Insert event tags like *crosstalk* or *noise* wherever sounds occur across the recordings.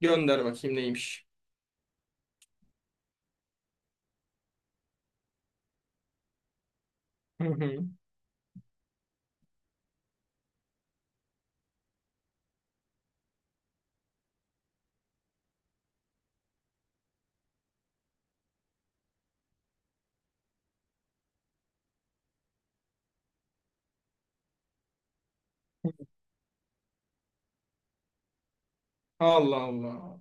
Gönder bakayım neymiş. Hı hı. Allah Allah.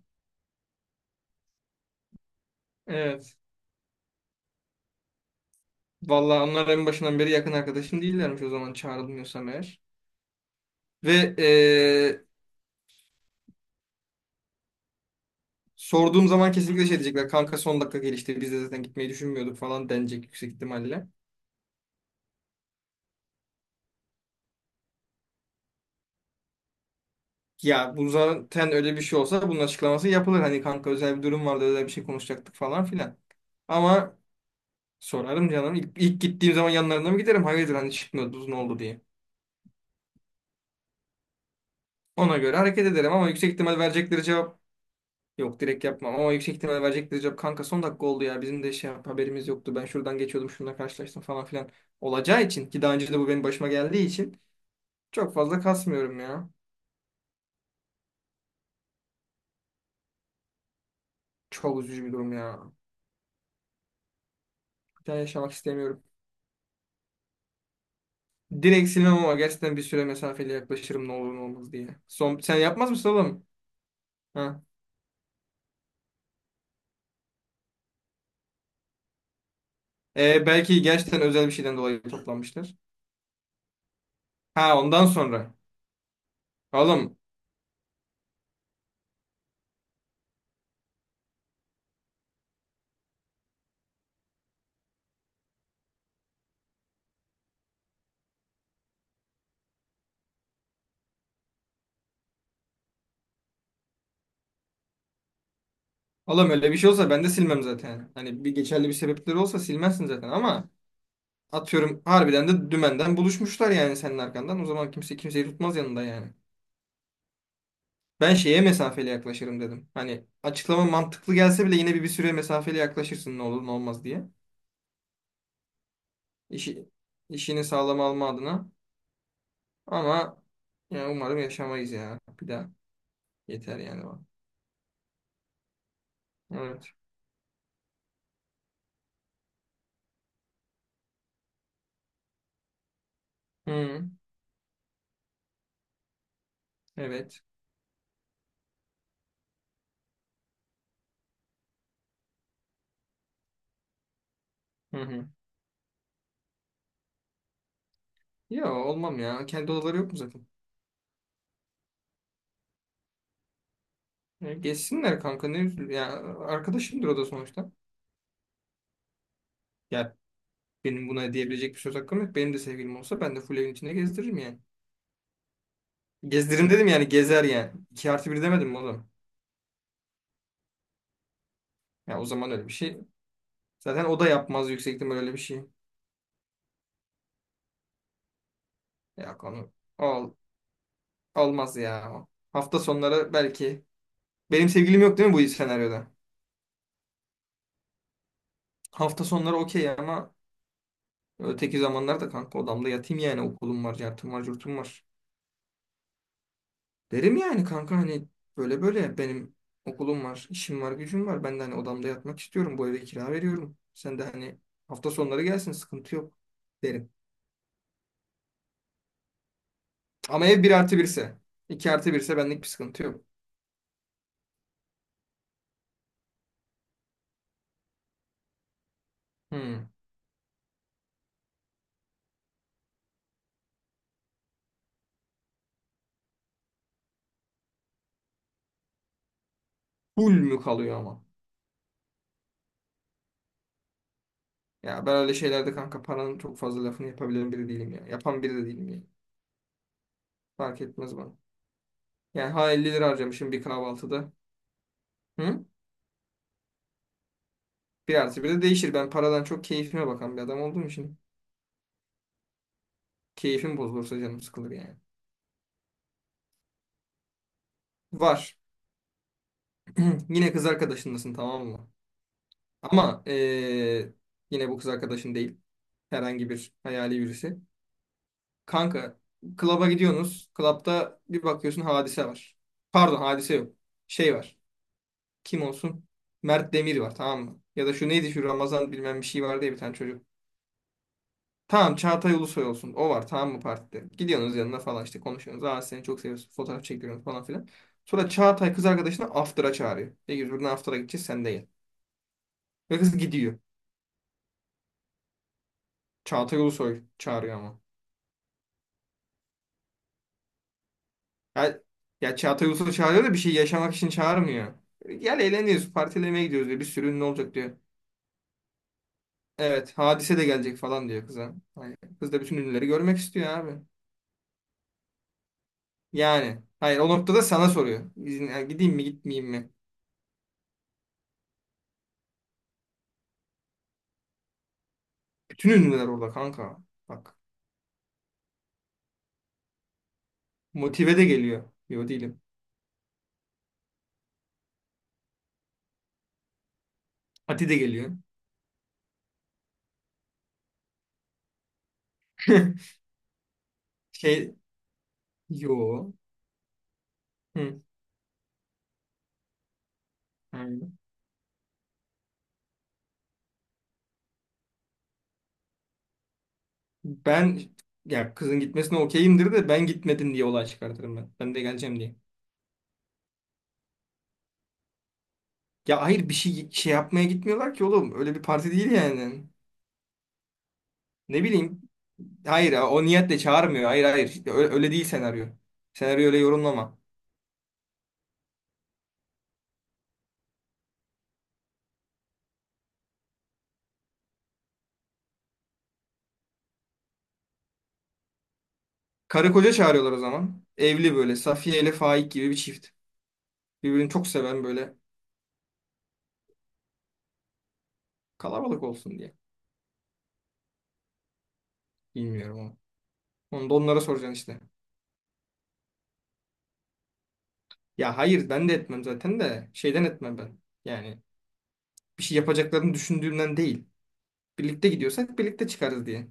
Evet. Vallahi onlar en başından beri yakın arkadaşım değillermiş o zaman çağrılmıyorsam eğer. Ve sorduğum zaman kesinlikle şey diyecekler. Kanka son dakika gelişti. Biz de zaten gitmeyi düşünmüyorduk falan denecek yüksek ihtimalle. Ya bu zaten öyle bir şey olsa bunun açıklaması yapılır. Hani kanka özel bir durum vardı özel bir şey konuşacaktık falan filan. Ama sorarım canım. İlk gittiğim zaman yanlarına mı giderim? Hayırdır hani çıkmıyoruz ne oldu diye. Ona göre hareket ederim ama yüksek ihtimal verecekleri cevap. Yok, direkt yapmam ama yüksek ihtimal verecektir cevap. Kanka son dakika oldu ya bizim de haberimiz yoktu. Ben şuradan geçiyordum şununla karşılaştım falan filan. Olacağı için ki daha önce de bu benim başıma geldiği için çok fazla kasmıyorum ya. Çok üzücü bir durum ya. Bir daha yaşamak istemiyorum. Direkt silmem ama gerçekten bir süre mesafeli yaklaşırım ne olur ne olmaz diye. Sen yapmaz mısın oğlum? Ha. E, belki gerçekten özel bir şeyden dolayı toplanmıştır. Ha ondan sonra. Oğlum, oğlum öyle bir şey olsa ben de silmem zaten. Hani bir geçerli bir sebepleri olsa silmezsin zaten ama atıyorum harbiden de dümenden buluşmuşlar yani senin arkandan. O zaman kimse kimseyi tutmaz yanında yani. Ben şeye mesafeli yaklaşırım dedim. Hani açıklama mantıklı gelse bile yine bir süre mesafeli yaklaşırsın ne olur ne olmaz diye. İşi, işini sağlam alma adına. Ama yani umarım yaşamayız ya. Bir daha yeter yani bana. Evet. Hı, evet. Hı hı. Ya olmam ya. Kendi odaları yok mu zaten? Ya, geçsinler kanka ne üzül. Ya arkadaşımdır o da sonuçta. Ya benim buna diyebilecek bir söz hakkım yok. Benim de sevgilim olsa ben de full evin içinde gezdiririm yani. Gezdiririm dedim yani gezer yani. İki artı bir demedim mi oğlum? Ya o zaman öyle bir şey. Zaten o da yapmaz yüksek ihtimal öyle bir şey. Ya konu ol, olmaz ya. Hafta sonları belki. Benim sevgilim yok değil mi bu senaryoda? Hafta sonları okey ama öteki zamanlarda kanka odamda yatayım yani okulum var, cartım var, curtum var. Derim yani kanka hani böyle böyle benim okulum var, işim var, gücüm var. Ben de hani odamda yatmak istiyorum. Bu eve kira veriyorum. Sen de hani hafta sonları gelsin, sıkıntı yok derim. Ama ev bir artı birse, 2 artı birse ise benlik bir sıkıntı yok. Hmm. Full mü kalıyor ama? Ya ben öyle şeylerde kanka paranın çok fazla lafını yapabilen biri değilim ya. Yapan biri de değilim yani. Fark etmez bana. Yani ha 50 lira harcamışım bir kahvaltıda. Hı? Bir artı 1 de değişir. Ben paradan çok keyfime bakan bir adam olduğum için keyfim bozulursa canım sıkılır yani. Var. *clears throat* Yine kız arkadaşındasın tamam mı? Ama yine bu kız arkadaşın değil. Herhangi bir hayali birisi. Kanka klaba gidiyorsunuz. Klapta bir bakıyorsun hadise var. Pardon, hadise yok. Şey var. Kim olsun? Mert Demir var tamam mı? Ya da şu neydi şu Ramazan bilmem bir şey vardı ya, bir tane çocuk. Tamam, Çağatay Ulusoy olsun. O var tamam mı partide? Gidiyorsunuz yanına falan işte konuşuyorsunuz. Aa seni çok seviyoruz. Fotoğraf çekiyorsunuz falan filan. Sonra Çağatay kız arkadaşını after'a çağırıyor. Diyor ki buradan after'a gideceğiz sen de gel. Ve kız gidiyor. Çağatay Ulusoy çağırıyor ama. Ya, ya Çağatay Ulusoy çağırıyor da bir şey yaşamak için çağırmıyor. Gel eğleniyoruz, partilemeye gidiyoruz diyor. Bir sürü ünlü olacak diyor. Evet, Hadise de gelecek falan diyor kıza. Hani kız da bütün ünlüleri görmek istiyor abi. Yani. Hayır, o noktada sana soruyor. İzin, yani gideyim mi gitmeyeyim mi? Bütün ünlüler orada kanka. Bak. Motive de geliyor. Yo, değilim. Ati de geliyor. *laughs* Şey yo. Hı. Aynen. Ben ya kızın gitmesine okeyimdir de ben gitmedim diye olay çıkartırım ben. Ben de geleceğim diye. Ya hayır, bir şey şey yapmaya gitmiyorlar ki oğlum. Öyle bir parti değil yani. Ne bileyim. Hayır o niyetle çağırmıyor. Hayır hayır. İşte öyle, öyle değil senaryo. Senaryo öyle yorumlama. Karı koca çağırıyorlar o zaman. Evli böyle. Safiye ile Faik gibi bir çift. Birbirini çok seven böyle. Kalabalık olsun diye. Bilmiyorum ama. Onu da onlara soracaksın işte. Ya hayır ben de etmem zaten de. Şeyden etmem ben. Yani bir şey yapacaklarını düşündüğümden değil. Birlikte gidiyorsak birlikte çıkarız diye.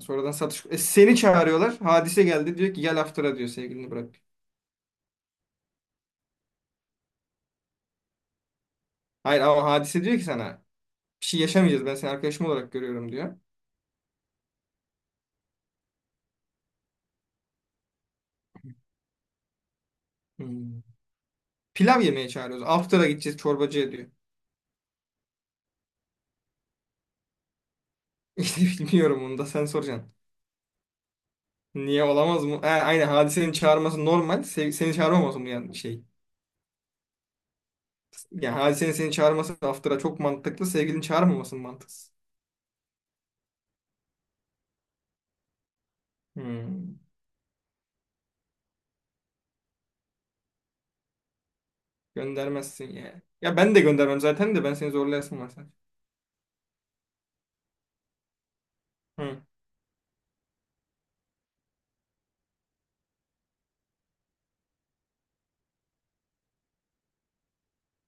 Sonradan satış. E, seni çağırıyorlar. Hadise geldi diyor ki gel after'a diyor, sevgilini bırak. Hayır ama Hadise diyor ki sana bir şey yaşamayacağız, ben seni arkadaşım olarak görüyorum diyor. Hmm. Pilav yemeye çağırıyoruz. After'a gideceğiz çorbacıya diyor. *laughs* İşte bilmiyorum onu da sen soracaksın. Niye olamaz mı? Ha, aynen Hadise'nin çağırması normal. Seni çağırmaması mı yani şey? Yani Hadise'nin seni çağırması after'a çok mantıklı. Sevgilini çağırmaması mı mantıksız? Hmm. Göndermezsin ya. Ya ben de göndermem zaten de ben seni zorlayasın var sen. Hı.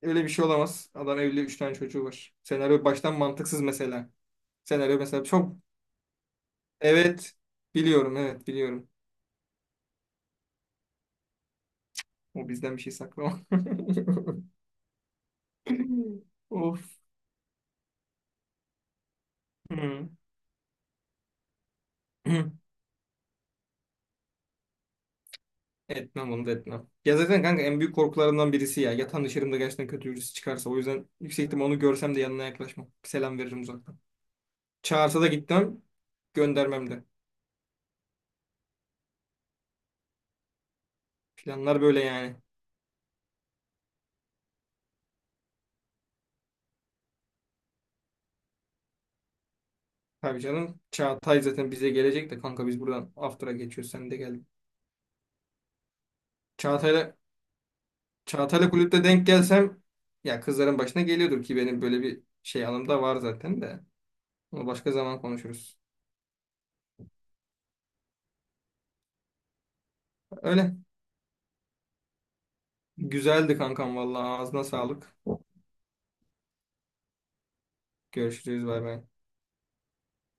Öyle bir şey olamaz. Adam evli, 3 tane çocuğu var. Senaryo baştan mantıksız mesela. Senaryo mesela çok. Evet. Biliyorum, evet biliyorum. O bizden bir şey saklama. *laughs* Of. Hmm. *clears throat* Etmem, onu da etmem. Ya zaten kanka en büyük korkularımdan birisi ya. Yatağın dışarımda gerçekten kötü birisi çıkarsa. O yüzden yüksek ihtimal onu görsem de yanına yaklaşmam. Selam veririm uzaktan. Çağırsa da gitmem. Göndermem de. Planlar böyle yani. Tabii canım. Çağatay zaten bize gelecek de kanka biz buradan after'a geçiyoruz. Sen de gel. Çağatay'la Çağatay'la kulüpte denk gelsem, ya kızların başına geliyordur ki benim böyle bir şey anım da var zaten de. Onu başka zaman konuşuruz. Öyle. Güzeldi kankam, vallahi ağzına sağlık. Görüşürüz, bay bay.